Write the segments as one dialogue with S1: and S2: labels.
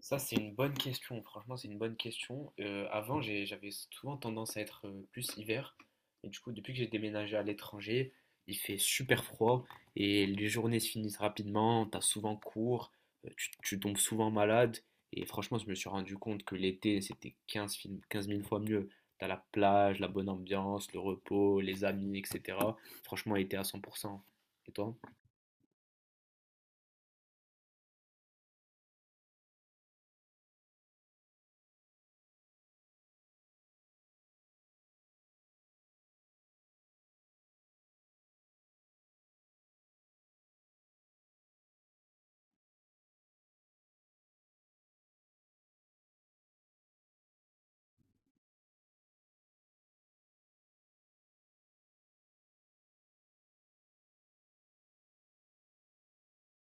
S1: Ça, c'est une bonne question. Franchement, c'est une bonne question. Avant, j'avais souvent tendance à être plus hiver. Et du coup, depuis que j'ai déménagé à l'étranger, il fait super froid et les journées se finissent rapidement. T'as souvent cours, tu tombes souvent malade. Et franchement, je me suis rendu compte que l'été, c'était 15 000 fois mieux. T'as la plage, la bonne ambiance, le repos, les amis, etc. Franchement, été à 100%. Et toi?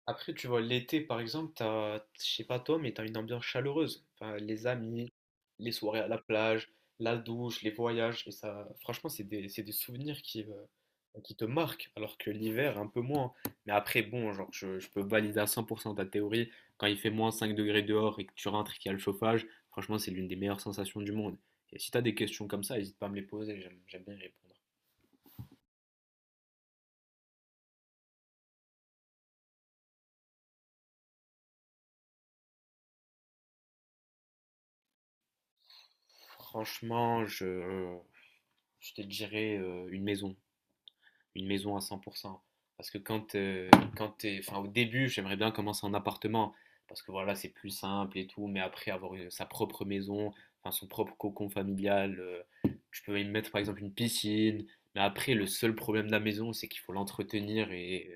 S1: Après, tu vois, l'été, par exemple, je sais pas toi, mais t'as une ambiance chaleureuse. Enfin, les amis, les soirées à la plage, la douche, les voyages, et ça, franchement, c'est des souvenirs qui te marquent, alors que l'hiver, un peu moins. Mais après, bon, genre, je peux valider à 100% ta théorie. Quand il fait moins 5 degrés dehors et que tu rentres et qu'il y a le chauffage, franchement, c'est l'une des meilleures sensations du monde. Et si t'as des questions comme ça, n'hésite pas à me les poser, j'aime bien y répondre. Franchement, je te dirais une maison. Une maison à 100%. Parce que quand t'es, enfin, au début, j'aimerais bien commencer en appartement. Parce que voilà, c'est plus simple et tout. Mais après, avoir sa propre maison, enfin, son propre cocon familial, tu peux y mettre par exemple une piscine. Mais après, le seul problème de la maison, c'est qu'il faut l'entretenir. Et,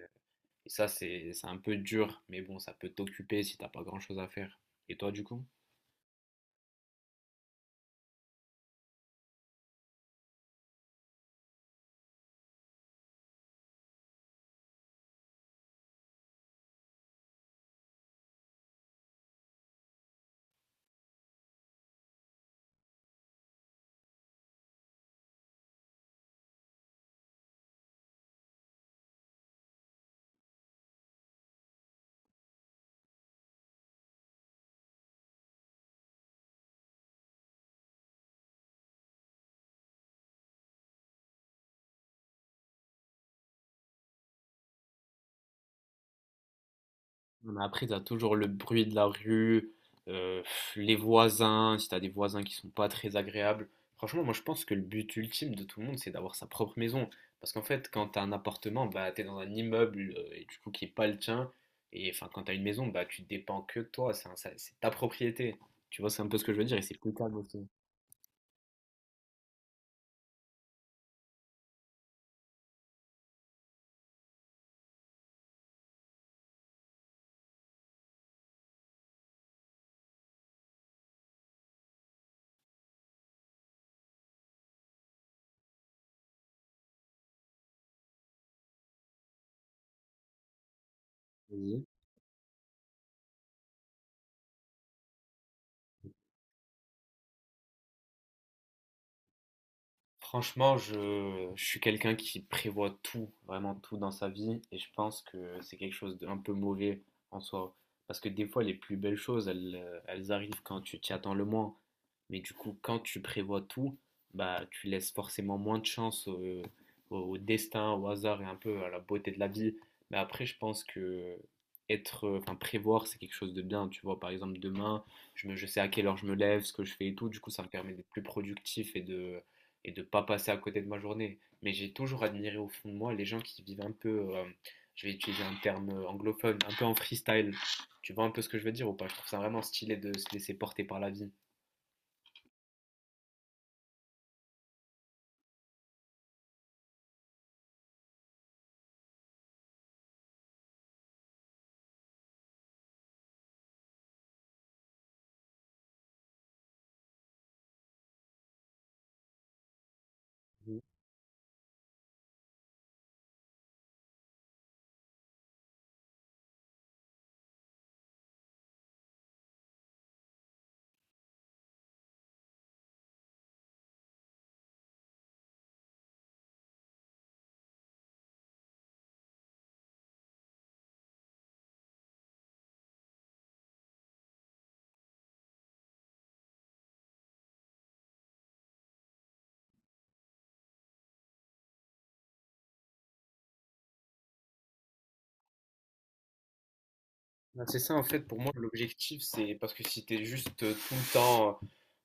S1: et ça, c'est un peu dur. Mais bon, ça peut t'occuper si t'as pas grand-chose à faire. Et toi, du coup? Mais après, t'as toujours le bruit de la rue, euh, les voisins, si t'as des voisins qui sont pas très agréables. Franchement, moi je pense que le but ultime de tout le monde, c'est d'avoir sa propre maison. Parce qu'en fait, quand t'as un appartement, bah t'es dans un immeuble et du coup qui est pas le tien. Et enfin, quand t'as une maison, bah tu dépends que de toi, c'est ta propriété. Tu vois, c'est un peu ce que je veux dire et c'est plus calme aussi. Franchement, je suis quelqu'un qui prévoit tout, vraiment tout dans sa vie, et je pense que c'est quelque chose d'un peu mauvais en soi. Parce que des fois, les plus belles choses, elles arrivent quand tu t'y attends le moins. Mais du coup, quand tu prévois tout, bah, tu laisses forcément moins de chance au destin, au hasard et un peu à la beauté de la vie. Mais après, je pense que enfin, prévoir, c'est quelque chose de bien. Tu vois, par exemple, demain, je sais à quelle heure je me lève, ce que je fais et tout. Du coup, ça me permet d'être plus productif et de pas passer à côté de ma journée. Mais j'ai toujours admiré au fond de moi les gens qui vivent un peu, je vais utiliser un terme anglophone, un peu en freestyle. Tu vois un peu ce que je veux dire ou pas? Je trouve ça vraiment stylé de se laisser porter par la vie. Ben, c'est ça en fait pour moi l'objectif, c'est parce que si t'es juste tout le temps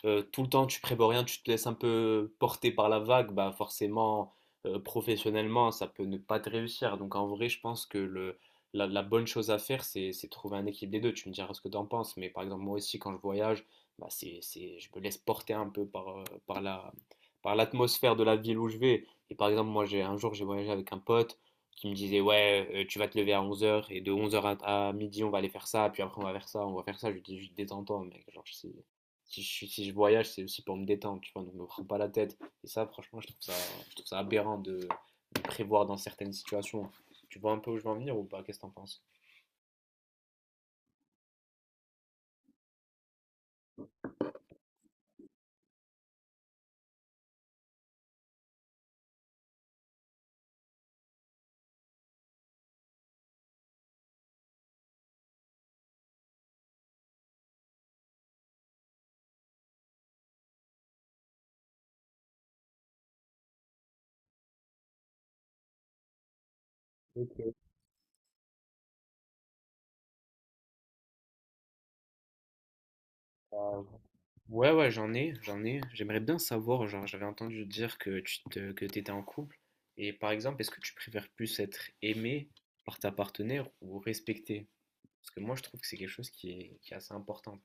S1: euh, tout le temps tu prévois rien, tu te laisses un peu porter par la vague, bah forcément professionnellement ça peut ne pas te réussir. Donc en vrai je pense que la bonne chose à faire, c'est trouver un équilibre des deux. Tu me diras ce que t'en penses, mais par exemple moi aussi quand je voyage, bah c'est je me laisse porter un peu par par la par l'atmosphère de la ville où je vais. Et par exemple, moi j'ai un jour j'ai voyagé avec un pote qui me disait ouais, tu vas te lever à 11 heures et de 11 heures à midi on va aller faire ça, puis après on va faire ça, on va faire ça. Je lui dis, juste détends-toi mec, genre, si si je voyage c'est aussi pour me détendre, tu vois, donc me prends pas la tête. Et ça, franchement, je trouve ça aberrant de prévoir dans certaines situations. Tu vois un peu où je veux en venir ou pas? Qu'est-ce que t'en penses? Ok, ça- ouais, ouais, j'aimerais bien savoir, genre, j'avais entendu dire que que t'étais en couple. Et par exemple, est-ce que tu préfères plus être aimé par ta partenaire ou respecté? Parce que moi, je trouve que c'est quelque chose qui est assez important.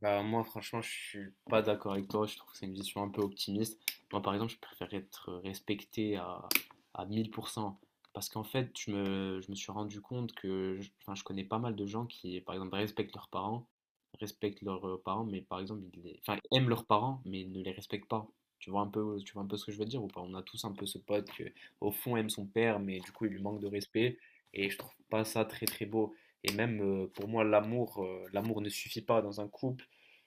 S1: Bah, moi, franchement, je suis pas d'accord avec toi. Je trouve que c'est une vision un peu optimiste. Moi, par exemple, je préfère être respecté à 1000%. Parce qu'en fait, je me suis rendu compte que je connais pas mal de gens qui, par exemple, respectent leurs parents, mais par exemple, enfin, aiment leurs parents, mais ne les respectent pas. Tu vois un peu ce que je veux dire ou pas? On a tous un peu ce pote que, au fond, aime son père, mais du coup, il lui manque de respect. Et je trouve pas ça très, très beau. Et même pour moi, l'amour ne suffit pas dans un couple.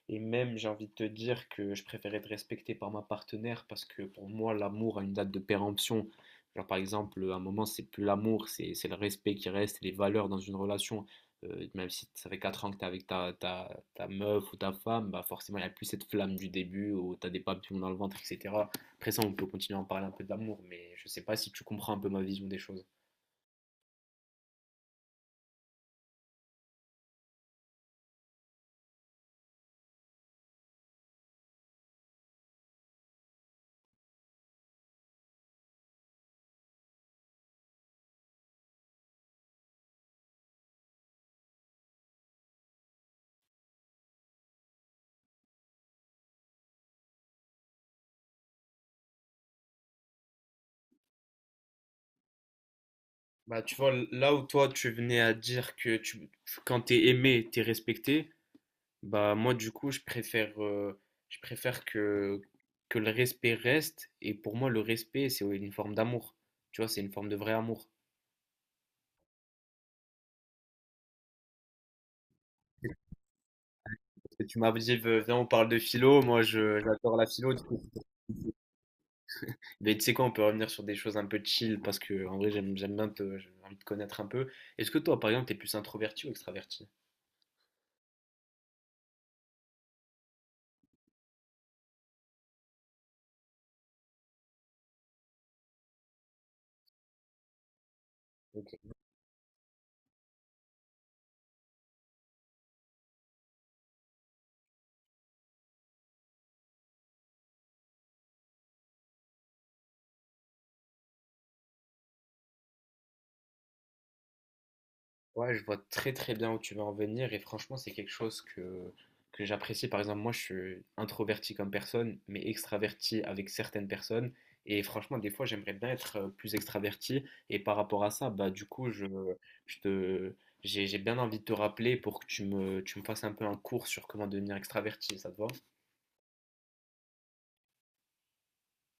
S1: Et même, j'ai envie de te dire que je préfère être respecté par ma partenaire parce que pour moi, l'amour a une date de péremption. Genre, par exemple, à un moment, c'est plus l'amour, c'est le respect qui reste, les valeurs dans une relation. Même si ça fait 4 ans que t'es avec ta meuf ou ta femme, bah forcément, il n'y a plus cette flamme du début où t'as des papillons dans le ventre, etc. Après ça, on peut continuer à en parler un peu d'amour, mais je sais pas si tu comprends un peu ma vision des choses. Bah, tu vois, là où toi, tu venais à dire que, tu, quand t'es aimé, t'es respecté, bah moi du coup je préfère que le respect reste, et pour moi le respect c'est une forme d'amour. Tu vois, c'est une forme de vrai amour. Parce que tu m'as dit, viens on parle de philo, moi je j'adore la philo du coup. Mais tu sais quoi, on peut revenir sur des choses un peu chill, parce que en vrai j'aime bien te j'ai envie de connaître un peu. Est-ce que toi par exemple t'es plus introverti ou extraverti? Ok. Ouais, je vois très très bien où tu veux en venir, et franchement, c'est quelque chose que j'apprécie. Par exemple, moi, je suis introverti comme personne, mais extraverti avec certaines personnes. Et franchement, des fois, j'aimerais bien être plus extraverti. Et par rapport à ça, bah, du coup, je te, j'ai bien envie de te rappeler pour que tu me fasses un peu un cours sur comment devenir extraverti. Ça te va?